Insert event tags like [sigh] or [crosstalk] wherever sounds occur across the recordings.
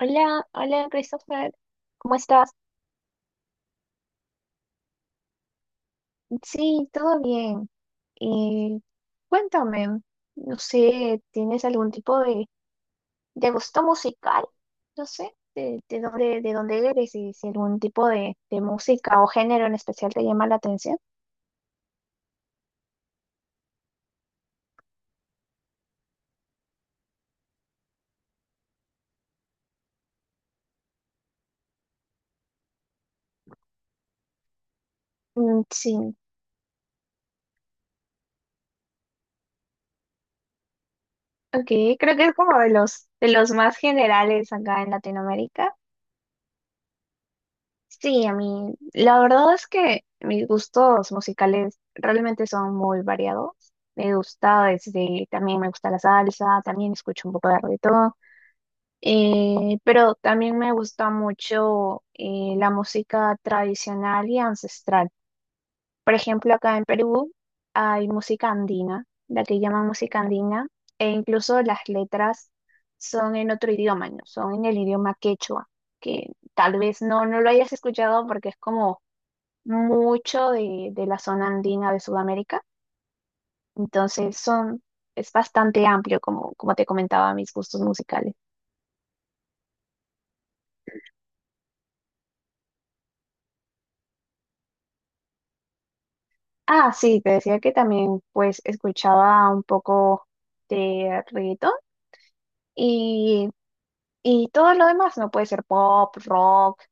Hola, hola Christopher, ¿cómo estás? Sí, todo bien. Eh, Cuéntame, no sé, ¿tienes algún tipo de gusto musical? No sé, de dónde eres y si algún tipo de, música o género en especial te llama la atención. Mm, sí, ok, creo que es como de los más generales acá en Latinoamérica. Sí, a mí, la verdad es que mis gustos musicales realmente son muy variados. Me gusta también me gusta la salsa, también escucho un poco de reggaetón, pero también me gusta mucho la música tradicional y ancestral. Por ejemplo, acá en Perú hay música andina, la que llaman música andina, e incluso las letras son en otro idioma, ¿no? Son en el idioma quechua, que tal vez no lo hayas escuchado porque es como mucho de la zona andina de Sudamérica. Entonces es bastante amplio, como te comentaba, mis gustos musicales. Ah, sí, te decía que también pues escuchaba un poco de reggaetón y, y todo lo demás, ¿no? Puede ser pop, rock,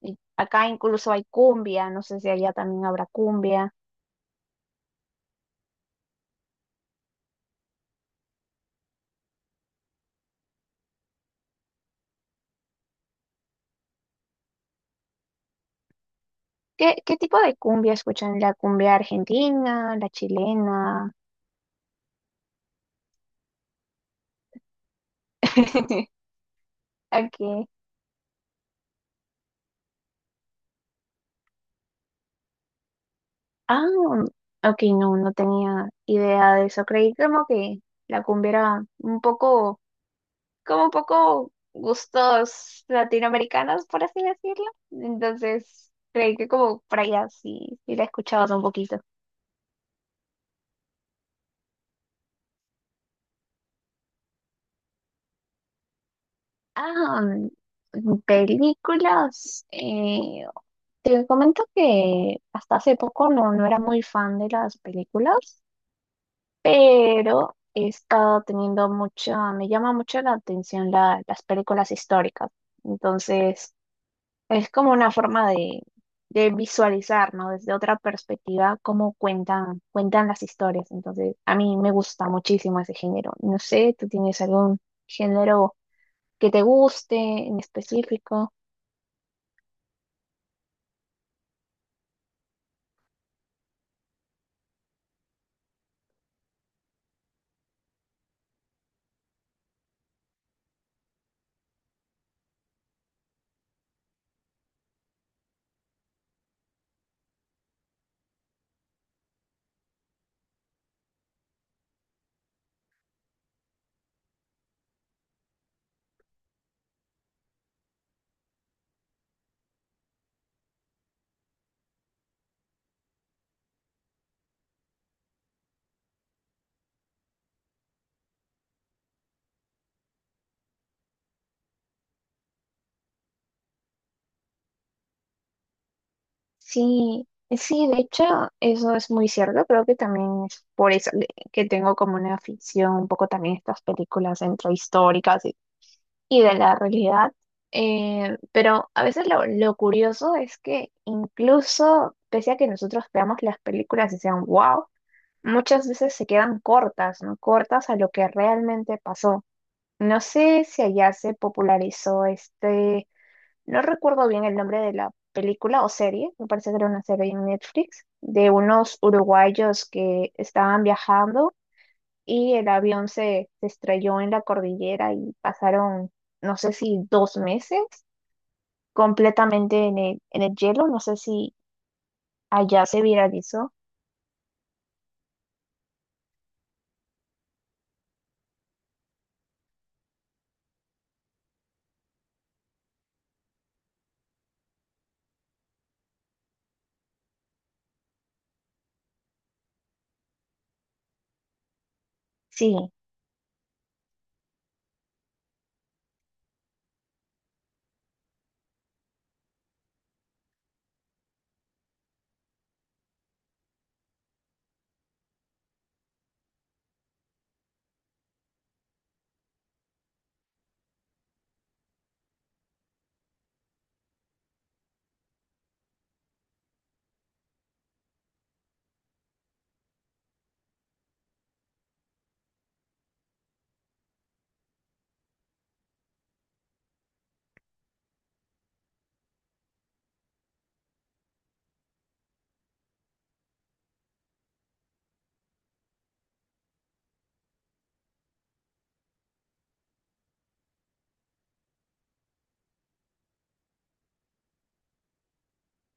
y acá incluso hay cumbia, no sé si allá también habrá cumbia. ¿Qué tipo de cumbia escuchan? ¿La cumbia argentina, la chilena? [laughs] ¿A Ah, ok, no tenía idea de eso. Creí como que la cumbia era un poco, como un poco gustos latinoamericanos, por así decirlo. Entonces, creí que como por allá sí, sí la escuchabas un poquito. Ah, mm, películas. Te comento que hasta hace poco no era muy fan de las películas. Pero he estado me llama mucho la atención las películas históricas. Entonces, es como una forma de visualizar, ¿no? Desde otra perspectiva, cómo cuentan, cuentan las historias. Entonces, a mí me gusta muchísimo ese género. No sé, ¿tú tienes algún género que te guste en específico? Sí, sí, de hecho, eso es muy cierto. Creo que también es por eso que tengo como una afición un poco también a estas películas entre históricas y de la realidad. Pero a veces lo curioso es que incluso pese a que nosotros veamos las películas y sean wow, muchas veces se quedan cortas, ¿no? Cortas a lo que realmente pasó. No sé si allá se popularizó este, no recuerdo bien el nombre de la película o serie, me parece que era una serie en Netflix, de unos uruguayos que estaban viajando y el avión se estrelló en la cordillera y pasaron, no sé si 2 meses completamente en el, hielo, no sé si allá se viralizó. Sí,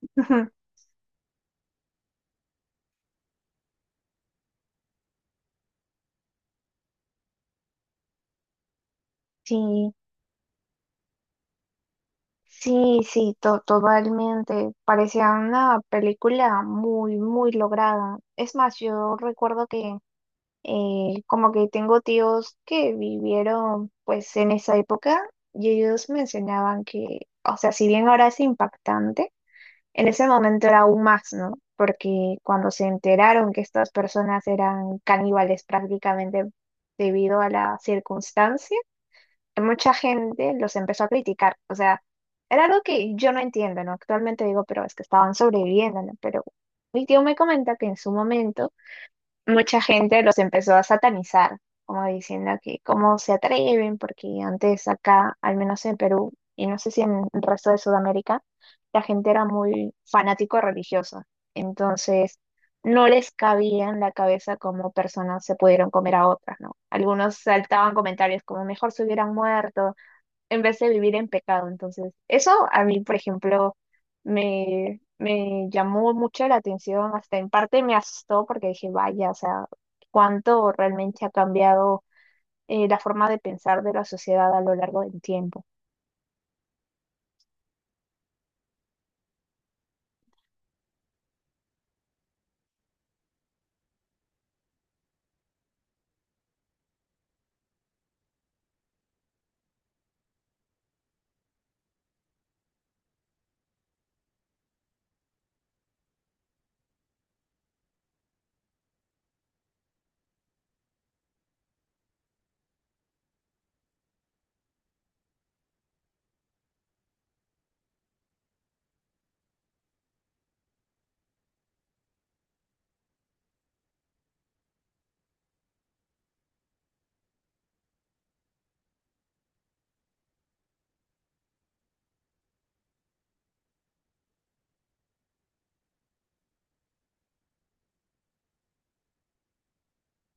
[laughs] sí, sí, sí, totalmente. Parecía una película muy, muy lograda. Es más, yo recuerdo que como que tengo tíos que vivieron pues en esa época y ellos mencionaban que, o sea, si bien ahora es impactante, en ese momento era aún más, ¿no? Porque cuando se enteraron que estas personas eran caníbales prácticamente debido a la circunstancia, mucha gente los empezó a criticar. O sea, era algo que yo no entiendo, ¿no? Actualmente digo, pero es que estaban sobreviviendo, ¿no? Pero mi tío me comenta que en su momento mucha gente los empezó a satanizar, como diciendo que cómo se atreven, porque antes acá, al menos en Perú, y no sé si en el resto de Sudamérica, la gente era muy fanático religiosa. Entonces, no les cabía en la cabeza cómo personas se pudieron comer a otras, ¿no? Algunos saltaban comentarios como mejor se hubieran muerto, en vez de vivir en pecado. Entonces, eso a mí, por ejemplo, me llamó mucho la atención, hasta en parte me asustó porque dije, vaya, o sea, cuánto realmente ha cambiado la forma de pensar de la sociedad a lo largo del tiempo.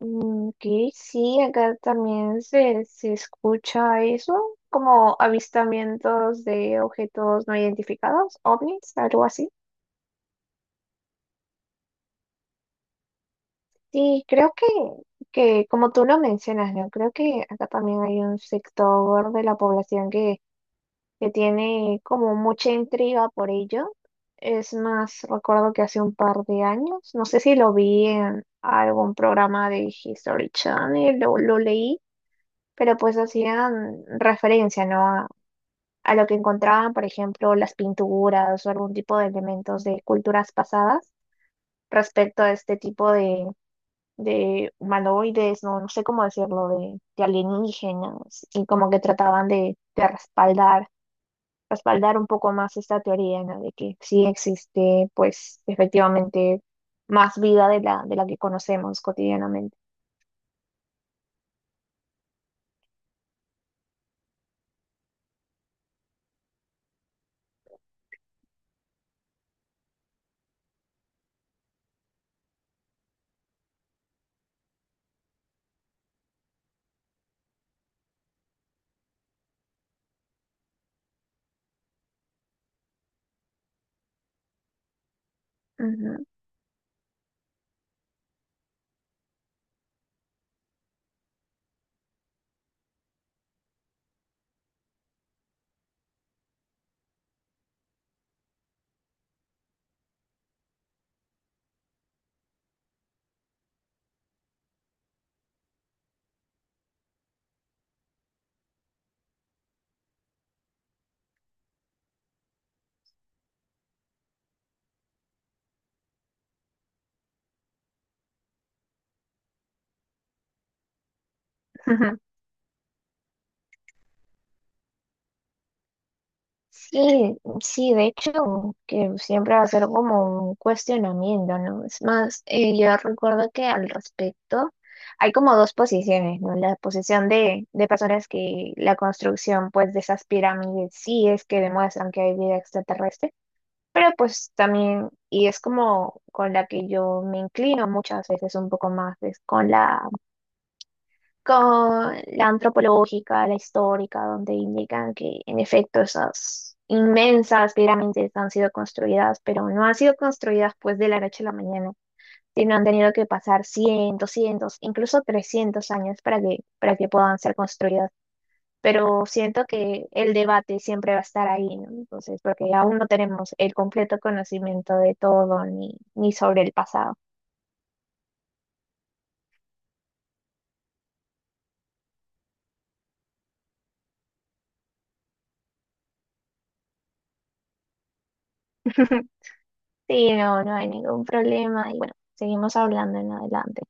Mm, ok, sí, acá también se escucha eso, como avistamientos de objetos no identificados, ovnis, algo así. Sí, creo que, como tú lo mencionas, ¿no? Creo que acá también hay un sector de la población que tiene como mucha intriga por ello. Es más, recuerdo que hace un par de años, no sé si lo vi en algún programa de History Channel, lo leí, pero pues hacían referencia, ¿no? A lo que encontraban, por ejemplo, las pinturas o algún tipo de elementos de culturas pasadas respecto a este tipo de humanoides, no, no sé cómo decirlo, de, alienígenas, y como que trataban de respaldar un poco más esta teoría, ¿no? De que sí existe, pues, efectivamente, más vida de la que conocemos cotidianamente. Ujú. [laughs] Sí, sí, de hecho, que siempre va a ser como un cuestionamiento, ¿no? Es más, yo recuerdo que al respecto hay como dos posiciones, ¿no? La posición de, personas que la construcción, pues, de esas pirámides sí es que demuestran que hay vida extraterrestre, pero pues también, y es como con la que yo me inclino muchas veces un poco más, es con la antropológica, la histórica, donde indican que en efecto esas inmensas pirámides han sido construidas, pero no han sido construidas pues de la noche a la mañana, sino han tenido que pasar cientos, cientos, incluso 300 años para que, puedan ser construidas. Pero siento que el debate siempre va a estar ahí, ¿no? Entonces, porque aún no tenemos el completo conocimiento de todo ni, sobre el pasado. [laughs] Sí, no hay ningún problema. Y bueno, seguimos hablando en adelante.